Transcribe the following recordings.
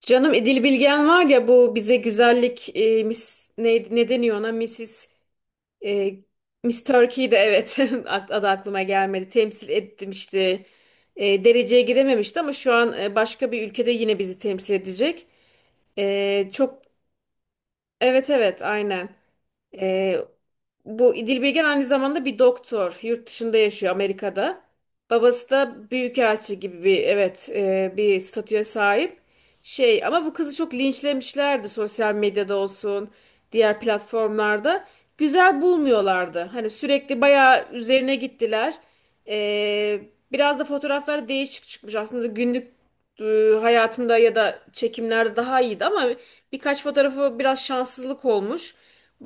Canım İdil Bilgen var ya, bu bize güzellik mis ne deniyor ona? Mrs. e, Miss Turkey'de, evet. Adı aklıma gelmedi, temsil etmişti. Dereceye girememişti ama şu an başka bir ülkede yine bizi temsil edecek. Çok evet, evet, aynen. ee, Bu İdil aynı zamanda bir doktor. Yurt dışında yaşıyor, Amerika'da. Babası da büyükelçi gibi bir, evet, bir statüye sahip. Şey, ama bu kızı çok linçlemişlerdi, sosyal medyada olsun diğer platformlarda. Güzel bulmuyorlardı. Hani sürekli bayağı üzerine gittiler. Ee, Biraz da fotoğraflar değişik çıkmış. Aslında günlük e, hayatında ya da çekimlerde daha iyiydi ama birkaç fotoğrafı biraz şanssızlık olmuş.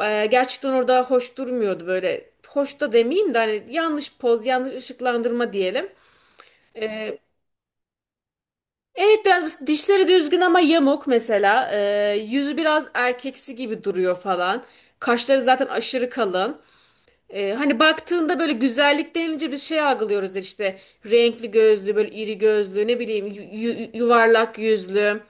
Gerçekten orada hoş durmuyordu böyle. Hoş da demeyeyim de hani yanlış poz, yanlış ışıklandırma diyelim. Ee, evet, biraz dişleri düzgün ama yamuk mesela. Yüzü biraz erkeksi gibi duruyor falan. Kaşları zaten aşırı kalın. Hani baktığında böyle güzellik denilince bir şey algılıyoruz işte. Renkli gözlü, böyle iri gözlü, ne bileyim yuvarlak yüzlü.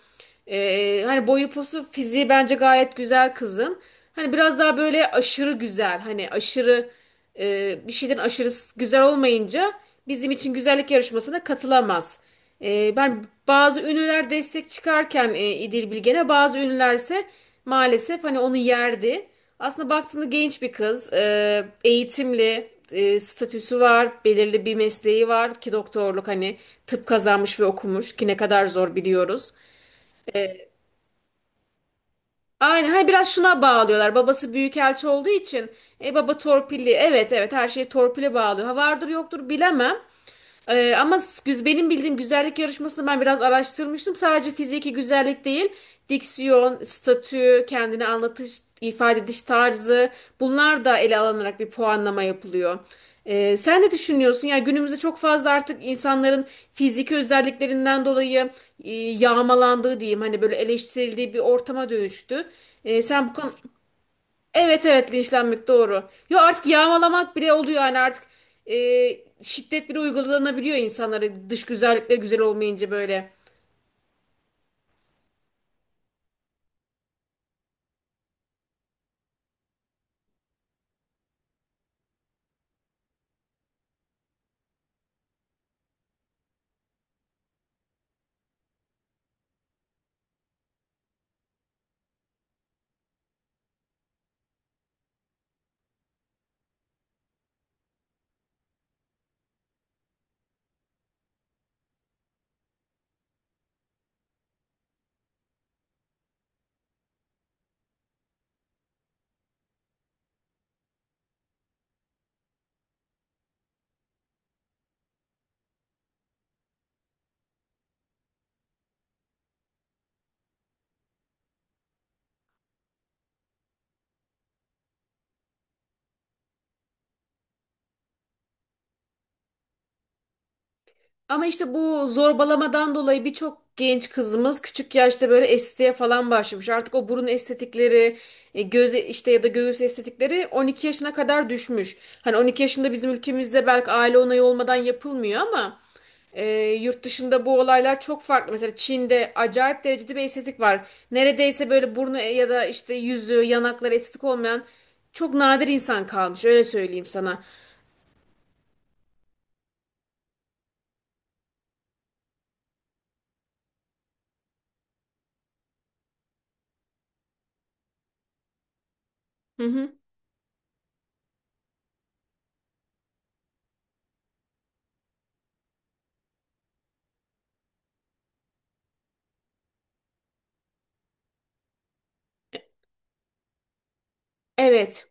Hani boyu posu fiziği bence gayet güzel kızın. Hani biraz daha böyle aşırı güzel, hani aşırı bir şeyden aşırı güzel olmayınca bizim için güzellik yarışmasına katılamaz. Ben bazı ünlüler destek çıkarken İdil Bilgen'e, bazı ünlüler ise maalesef hani onu yerdi. Aslında baktığında genç bir kız, eğitimli, statüsü var, belirli bir mesleği var ki doktorluk, hani tıp kazanmış ve okumuş ki ne kadar zor biliyoruz. Aynen, hani biraz şuna bağlıyorlar. Babası büyükelçi olduğu için baba torpilli. Evet, evet, her şeyi torpile bağlıyor. Ha vardır, yoktur, bilemem. Ama benim bildiğim güzellik yarışmasını ben biraz araştırmıştım. Sadece fiziki güzellik değil, diksiyon, statü, kendini anlatış, ifade ediş tarzı, bunlar da ele alınarak bir puanlama yapılıyor. Sen ne düşünüyorsun? Yani günümüzde çok fazla artık insanların fiziki özelliklerinden dolayı yağmalandığı diyeyim, hani böyle eleştirildiği bir ortama dönüştü. Sen bu konu... Evet, evet, linçlenmek doğru. Yo, artık yağmalamak bile oluyor yani, artık e, şiddet bile uygulanabiliyor insanlara dış güzellikle güzel olmayınca böyle. Ama işte bu zorbalamadan dolayı birçok genç kızımız küçük yaşta böyle estetiğe falan başlamış. Artık o burun estetikleri, göz işte ya da göğüs estetikleri 12 yaşına kadar düşmüş. Hani 12 yaşında bizim ülkemizde belki aile onayı olmadan yapılmıyor ama e, yurt dışında bu olaylar çok farklı. Mesela Çin'de acayip derecede bir estetik var. Neredeyse böyle burnu ya da işte yüzü, yanakları estetik olmayan çok nadir insan kalmış. Öyle söyleyeyim sana. Hı hı. Evet.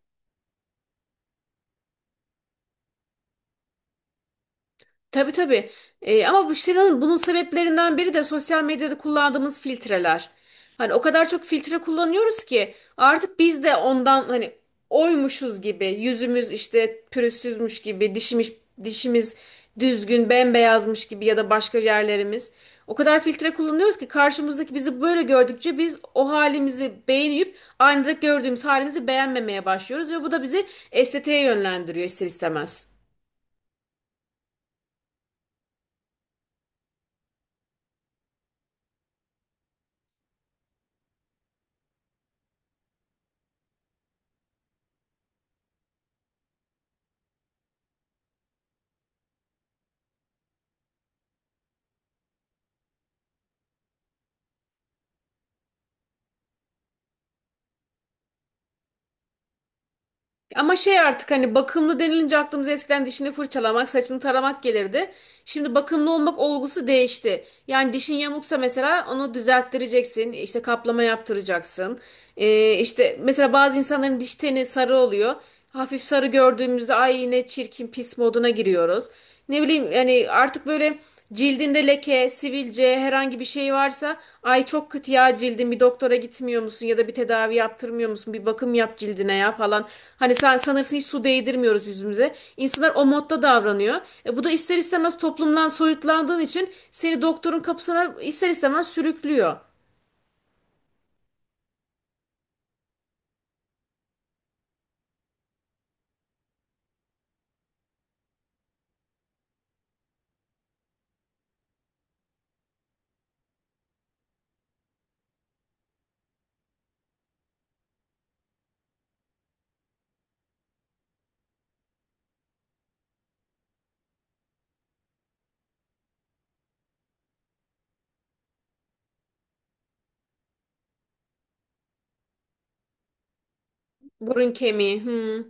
Tabii, tabii. Ama bu şeyin, bunun sebeplerinden biri de sosyal medyada kullandığımız filtreler. Hani o kadar çok filtre kullanıyoruz ki artık biz de ondan hani oymuşuz gibi, yüzümüz işte pürüzsüzmüş gibi, dişimiz düzgün bembeyazmış gibi ya da başka yerlerimiz. O kadar filtre kullanıyoruz ki karşımızdaki bizi böyle gördükçe biz o halimizi beğenip aynada gördüğümüz halimizi beğenmemeye başlıyoruz, ve bu da bizi estetiğe yönlendiriyor ister istemez. Ama şey, artık hani bakımlı denilince aklımıza eskiden dişini fırçalamak, saçını taramak gelirdi. Şimdi bakımlı olmak olgusu değişti. Yani dişin yamuksa mesela onu düzelttireceksin, işte kaplama yaptıracaksın. İşte mesela bazı insanların diş teni sarı oluyor. Hafif sarı gördüğümüzde ay ne çirkin, pis moduna giriyoruz. Ne bileyim, yani artık böyle cildinde leke, sivilce herhangi bir şey varsa ay çok kötü ya, cildin, bir doktora gitmiyor musun ya da bir tedavi yaptırmıyor musun, bir bakım yap cildine ya falan. Hani sen sanırsın hiç su değdirmiyoruz yüzümüze. İnsanlar o modda davranıyor. E, bu da ister istemez toplumdan soyutlandığın için seni doktorun kapısına ister istemez sürüklüyor. Burun kemiği. Hmm.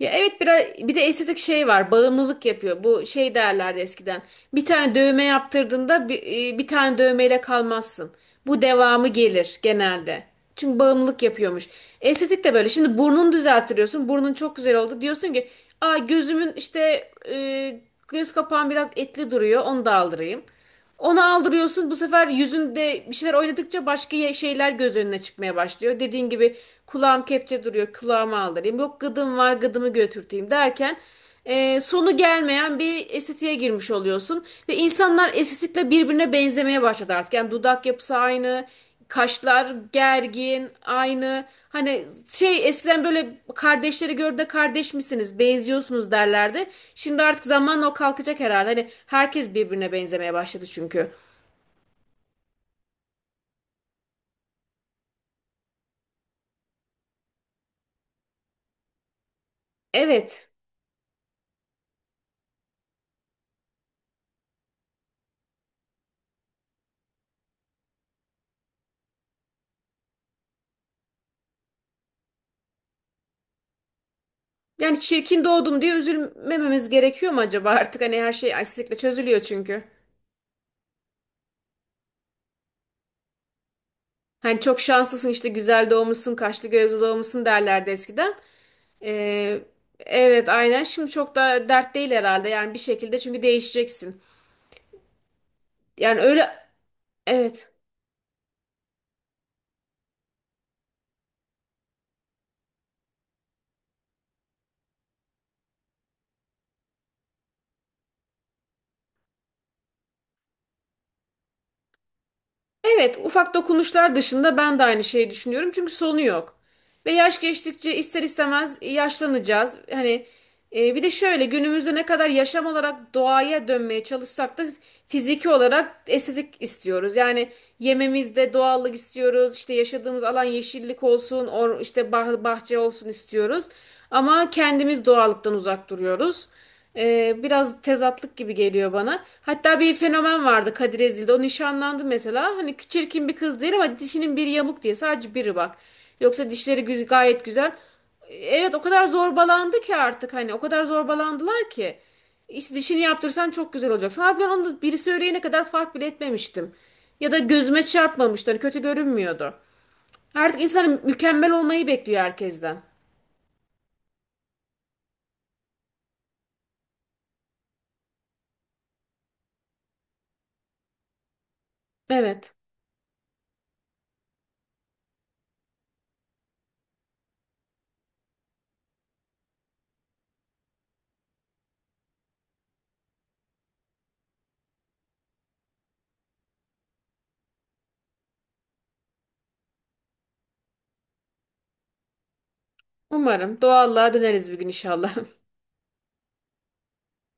Ya evet, biraz bir de estetik şey var. Bağımlılık yapıyor. Bu şey derlerdi eskiden. Bir tane dövme yaptırdığında bir, bir tane dövmeyle kalmazsın. Bu devamı gelir genelde. Çünkü bağımlılık yapıyormuş. Estetik de böyle. Şimdi burnunu düzelttiriyorsun. Burnun çok güzel oldu. Diyorsun ki, "Aa, gözümün işte göz kapağım biraz etli duruyor. Onu da aldırayım." Onu aldırıyorsun. Bu sefer yüzünde bir şeyler oynadıkça başka şeyler göz önüne çıkmaya başlıyor. Dediğin gibi kulağım kepçe duruyor, kulağımı aldırayım. Yok gıdım var, gıdımı götürteyim derken sonu gelmeyen bir estetiğe girmiş oluyorsun. Ve insanlar estetikle birbirine benzemeye başladı artık. Yani dudak yapısı aynı. Kaşlar gergin, aynı. Hani şey, eskiden böyle kardeşleri gör de kardeş misiniz, benziyorsunuz derlerdi. Şimdi artık zamanla o kalkacak herhalde. Hani herkes birbirine benzemeye başladı çünkü. Evet. Yani çirkin doğdum diye üzülmememiz gerekiyor mu acaba artık? Hani her şey estetikle çözülüyor çünkü. Hani çok şanslısın işte, güzel doğmuşsun, kaşlı gözlü doğmuşsun derlerdi eskiden. Ee, evet, aynen. Şimdi çok da dert değil herhalde. Yani bir şekilde çünkü değişeceksin. Yani öyle, evet. Evet, ufak dokunuşlar dışında ben de aynı şeyi düşünüyorum. Çünkü sonu yok. Ve yaş geçtikçe ister istemez yaşlanacağız. Hani bir de şöyle, günümüzde ne kadar yaşam olarak doğaya dönmeye çalışsak da fiziki olarak estetik istiyoruz. Yani yememizde doğallık istiyoruz. İşte yaşadığımız alan yeşillik olsun, işte bahçe olsun istiyoruz. Ama kendimiz doğallıktan uzak duruyoruz. Biraz tezatlık gibi geliyor bana. Hatta bir fenomen vardı, Kadir Ezil'de. O nişanlandı mesela. Hani çirkin bir kız değil ama dişinin biri yamuk diye. Sadece biri bak. Yoksa dişleri gayet güzel. Evet, o kadar zorbalandı ki artık, hani o kadar zorbalandılar ki. İşte dişini yaptırsan çok güzel olacaksın. Abi, ben onu biri söyleyene kadar fark bile etmemiştim. Ya da gözüme çarpmamıştı. Hani kötü görünmüyordu. Artık insan mükemmel olmayı bekliyor herkesten. Evet. Umarım doğallığa döneriz bir gün inşallah.